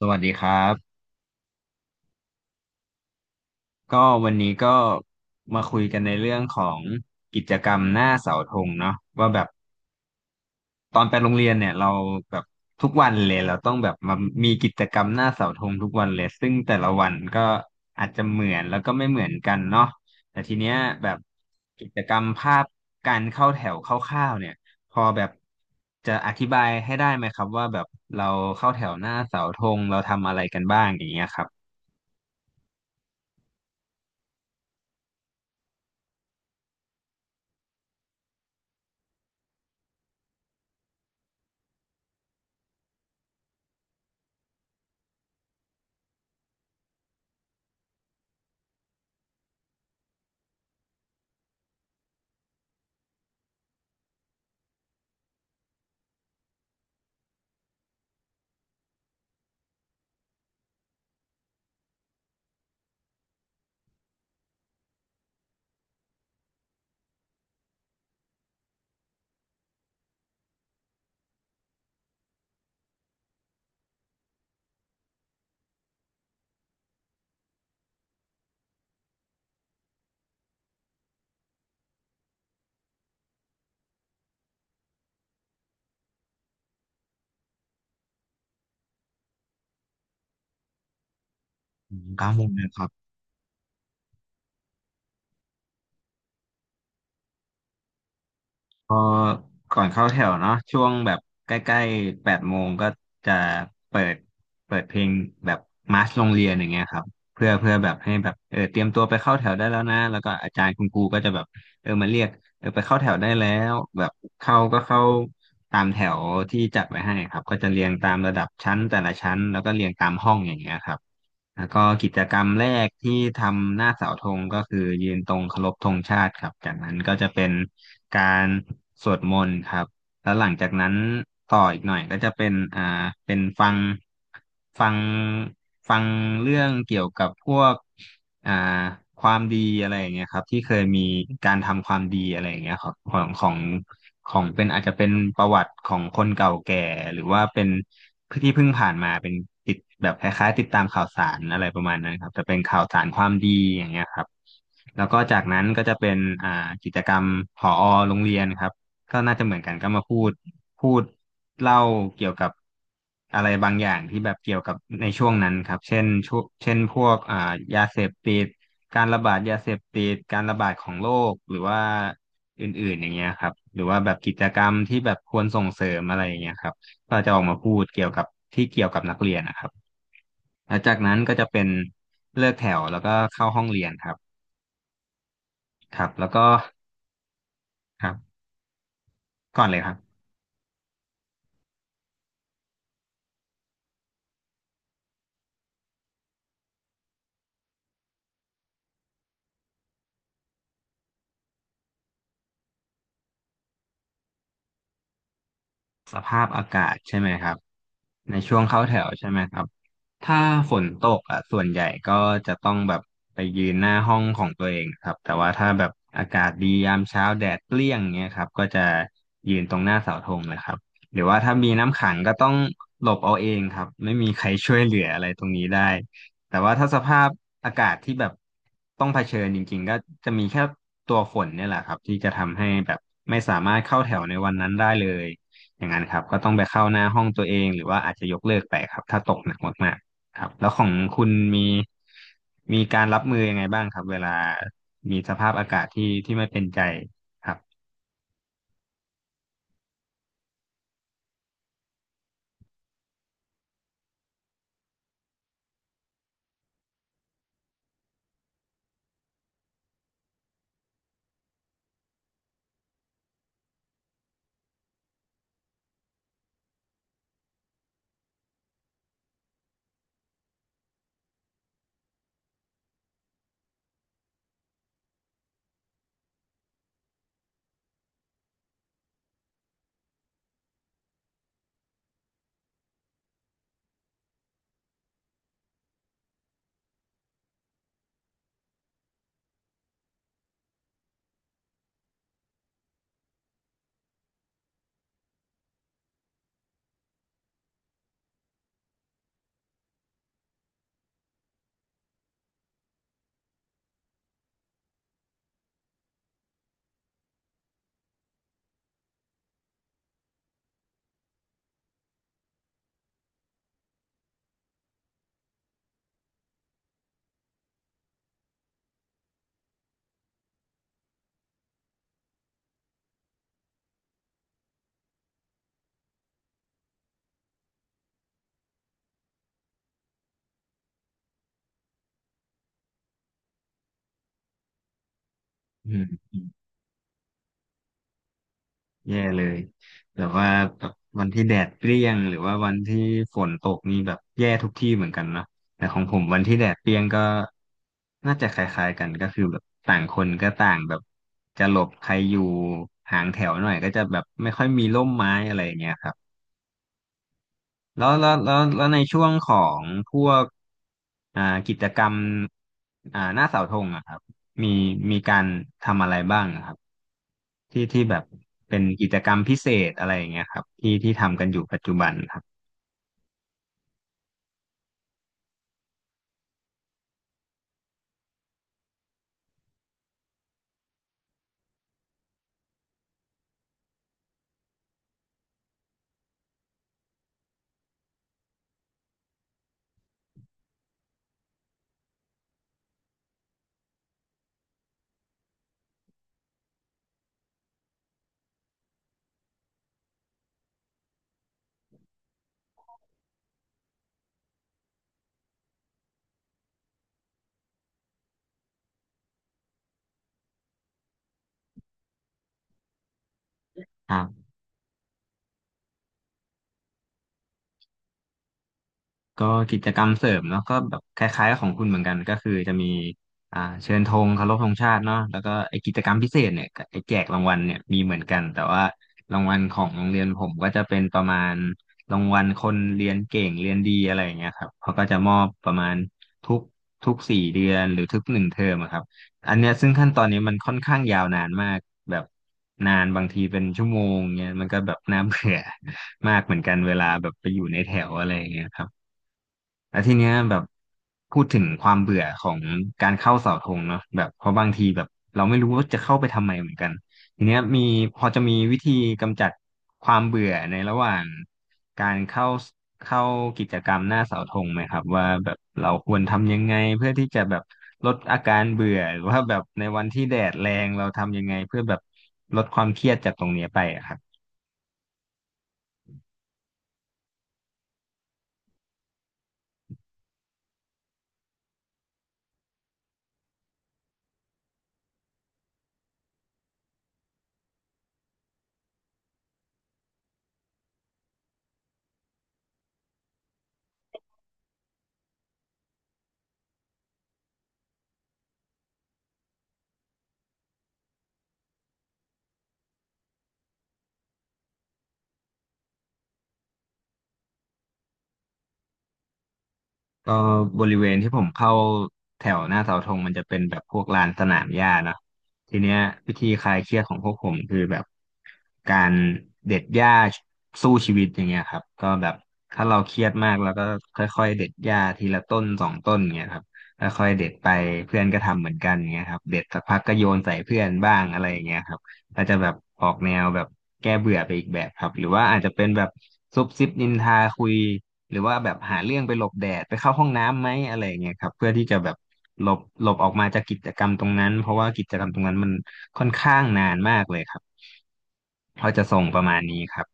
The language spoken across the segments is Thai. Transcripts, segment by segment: สวัสดีครับก็วันนี้ก็มาคุยกันในเรื่องของกิจกรรมหน้าเสาธงเนาะว่าแบบตอนไปโรงเรียนเนี่ยเราแบบทุกวันเลยเราต้องแบบมามีกิจกรรมหน้าเสาธงทุกวันเลยซึ่งแต่ละวันก็อาจจะเหมือนแล้วก็ไม่เหมือนกันเนาะแต่ทีเนี้ยแบบกิจกรรมภาพการเข้าแถวคร่าวๆเนี่ยพอแบบจะอธิบายให้ได้ไหมครับว่าแบบเราเข้าแถวหน้าเสาธงเราทำอะไรกันบ้างอย่างเงี้ยครับอืม9 โมงนะครับ พอก่อนเข้าแถวเนาะช่วงแบบใกล้ๆ8 โมงก็จะเปิดเปิดเพลงแบบมาร์ชโรงเรียนอย่างเงี้ยครับเพื่อแบบให้แบบเตรียมตัวไปเข้าแถวได้แล้วนะแล้วก็อาจารย์คุณครูก็จะแบบมาเรียกไปเข้าแถวได้แล้วแบบเข้าก็เข้าตามแถวที่จัดไว้ให้ครับก็จะเรียงตามระดับชั้นแต่ละชั้นแล้วก็เรียงตามห้องอย่างเงี้ยครับ แล้วก็กิจกรรมแรกที่ทำหน้าเสาธงก็คือยืนตรงเคารพธงชาติครับจากนั้นก็จะเป็นการสวดมนต์ครับ แล้วหลังจากนั้นต่ออีกหน่อยก็จะเป็นเป็นฟังฟังเรื่องเกี่ยวกับพวกอ่าความดีอะไรอย่างเงี้ยครับที่เคยมีการทำความดีอะไรอย่างเงี้ยครับของเป็นอาจจะเป็นประวัติของคนเก่าแก่หรือว่าเป็นที่เพิ่งผ่านมาเป็นติดแบบคล้ายๆติดตามข่าวสารอะไรประมาณนั้นครับจะเป็นข่าวสารความดีอย่างเงี้ยครับแล้วก็จากนั้นก็จะเป็นอ่ากิจกรรมผอโรงเรียนครับ ก็น่าจะเหมือนกันก็มาพูดพูดเล่าเกี่ยวกับอะไรบางอย่างที่แบบเกี่ยวกับในช่วงนั้นครับเช่นช่วงเช่นพวกยาเสพติดการระบาดยาเสพติดการระบาดของโรคหรือว่าอื่นๆอย่างเงี้ยครับหรือว่าแบบกิจกรรมที่แบบควรส่งเสริมอะไรอย่างเงี้ยครับก็จะออกมาพูดเกี่ยวกับที่เกี่ยวกับนักเรียนนะครับหลังจากนั้นก็จะเป็นเลิกแถวแล้วก็เข้าห้องเรียนครับครับแล้วก็ครับก่อนเลยครับ สภาพอากาศใช่ไหมครับในช่วงเข้าแถวใช่ไหมครับถ้าฝนตกอ่ะส่วนใหญ่ก็จะต้องแบบไปยืนหน้าห้องของตัวเองครับแต่ว่าถ้าแบบอากาศดียามเช้าแดดเปรี้ยงเงี้ยครับก็จะยืนตรงหน้าเสาธงเลยครับหรือว่าถ้ามีน้ำขังก็ต้องหลบเอาเองครับไม่มีใครช่วยเหลืออะไรตรงนี้ได้แต่ว่าถ้าสภาพอากาศที่แบบต้องเผชิญจริงๆก็จะมีแค่ตัวฝนเนี่ยแหละครับที่จะทำให้แบบไม่สามารถเข้าแถวในวันนั้นได้เลย อย่างนั้นครับก็ต้องไปเข้าหน้าห้องตัวเองหรือว่าอาจจะยกเลิกไปครับถ้าตกหนักมากๆครับแล้วของคุณมีการรับมือยังไงบ้างครับเวลามีสภาพอากาศที่ไม่เป็นใจครับอืมแย่เลยแบบว่าแบบวันที่แดดเปรี้ยงหรือว่าวันที่ฝนตกนี่แบบแย่ทุกที่เหมือนกันเนาะแต่ของผมวันที่แดดเปรี้ยงก็น่าจะคล้ายๆกันก็คือแบบต่างคนก็ต่างแบบจะหลบใครอยู่ห่างแถวหน่อยก็จะแบบไม่ค่อยมีร่มไม้อะไรอย่างเงี้ยครับ แล้วในช่วงของพวกอ่ากิจกรรมหน้าเสาธงอะครับมีมีการทำอะไรบ้างอะครับที่แบบเป็นกิจกรรมพิเศษอะไรอย่างเงี้ยครับที่ทำกันอยู่ปัจจุบันครับ ก็กิจกรรมเสริมเนาะก็แบบคล้ายๆกับของคุณเหมือนกันก็คือจะมีเชิญธงเคารพธงชาติเนาะแล้วก็ไอกิจกรรมพิเศษเนี่ยกับไอแจกรางวัลเนี่ยมีเหมือนกันแต่ว่ารางวัลของโรงเรียนผมก็จะเป็นประมาณรางวัลคนเรียนเก่งเรียนดีอะไรอย่างเงี้ยครับเขาก็จะมอบประมาณทุกทุก4 เดือนหรือทุก1 เทอมอะครับอันเนี้ยซึ่งขั้นตอนนี้มันค่อนข้างยาวนานมากแบบนานบางทีเป็นชั่วโมงเงี้ยมันก็แบบน่าเบื่อ มากเหมือนกันเวลาแบบไปอยู่ในแถวอะไรอย่างเงี้ยครับ แล้วทีเนี้ยแบบพูดถึงความเบื่อของการเข้าเสาธงเนาะแบบเพราะบางทีแบบเราไม่รู้ว่าจะเข้าไปทำไมเหมือนกันทีเนี้ยมีพอจะมีวิธีกำจัดความเบื่อในระหว่างการเข้ากิจกรรมหน้าเสาธงไหมครับว่าแบบเราควรทำยังไงเพื่อที่จะแบบลดอาการเบื่อหรือว่าแบบในวันที่แดดแรงเราทำยังไงเพื่อแบบลดความเครียดจากตรงเนี้ยไปอะครับ ก็บริเวณที่ผมเข้าแถวหน้าเสาธงมันจะเป็นแบบพวกลานสนามหญ้าเนาะทีเนี้ยวิธีคลายเครียดของพวกผมคือแบบการเด็ดหญ้าสู้ชีวิตอย่างเงี้ยครับก็แบบถ้าเราเครียดมากแล้วก็ค่อยๆเด็ดหญ้าทีละต้นสองต้นเงี้ยครับค่อยๆเด็ดไปเพื่อนก็ทำเหมือนกันเงี้ยครับเด็ดสักพักก็โยนใส่เพื่อนบ้างอะไรอย่างเงี้ยครับ อาจจะแบบออกแนวแบบแก้เบื่อไปอีกแบบครับหรือว่าอาจจะเป็นแบบซุบซิบนินทาคุยหรือว่าแบบหาเรื่องไปหลบแดดไปเข้าห้องน้ำไหมอะไรอย่างเงี้ยครับเพื่อที่จะแบบหลบออกมาจากกิจกรรมตรงนั้นเพราะว่ากิจกรรมตรงนั้นมันค่อนข้างนานมากเลยครับเขาจะส่งประมาณนี้ครับ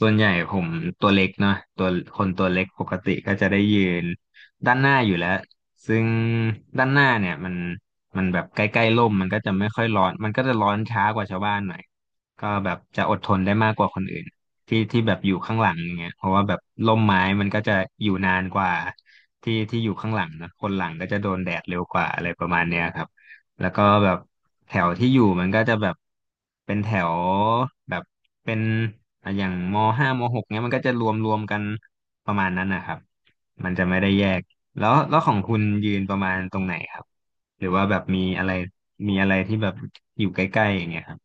ส่วนใหญ่ผมตัวเล็กเนาะตัวคนตัวเล็กปกติก็จะได้ยืนด้านหน้าอยู่แล้วซึ่งด้านหน้าเนี่ยมันแบบใกล้ๆร่มมันก็จะไม่ค่อยร้อนมันก็จะร้อนช้ากว่าชาวบ้านหน่อยก็แบบจะอดทนได้มากกว่าคนอื่นที่ที่แบบอยู่ข้างหลังอย่างเงี้ยเพราะว่าแบบร่มไม้มันก็จะอยู่นานกว่าที่ที่อยู่ข้างหลังนะคนหลังก็จะโดนแดดเร็วกว่าอะไรประมาณเนี้ยครับ แล้วก็แบบแถวที่อยู่มันก็จะแบบเป็นแถวแบบเป็นอ่ะอย่างมห้ามหกเนี้ยมันก็จะรวมกันประมาณนั้นนะครับมันจะไม่ได้แยกแล้วของคุณยืนประมาณตรงไหนครับหรือว่าแบบมีอะไรมีอะไรที่แบบอยู่ใกล้ๆอย่างเงี้ยครับ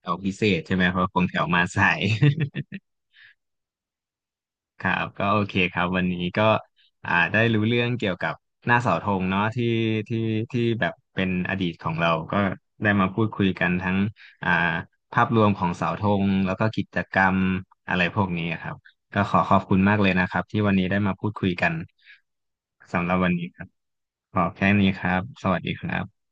แถวพิเศษใช่ไหมเพราะคงแถวมาสาย ครับก็โอเคครับวันนี้ก็ได้รู้เรื่องเกี่ยวกับหน้าเสาธงเนาะที่ที่ที่แบบเป็นอดีตของเราก็ได้มาพูดคุยกันทั้งอ่าภาพรวมของเสาธงแล้วก็กิจกรรมอะไรพวกนี้ครับก็ขอขอบคุณมากเลยนะครับที่วันนี้ได้มาพูดคุยกันสำหรับวันนี้ครับขอแค่นี้ครับสวัสดีครับ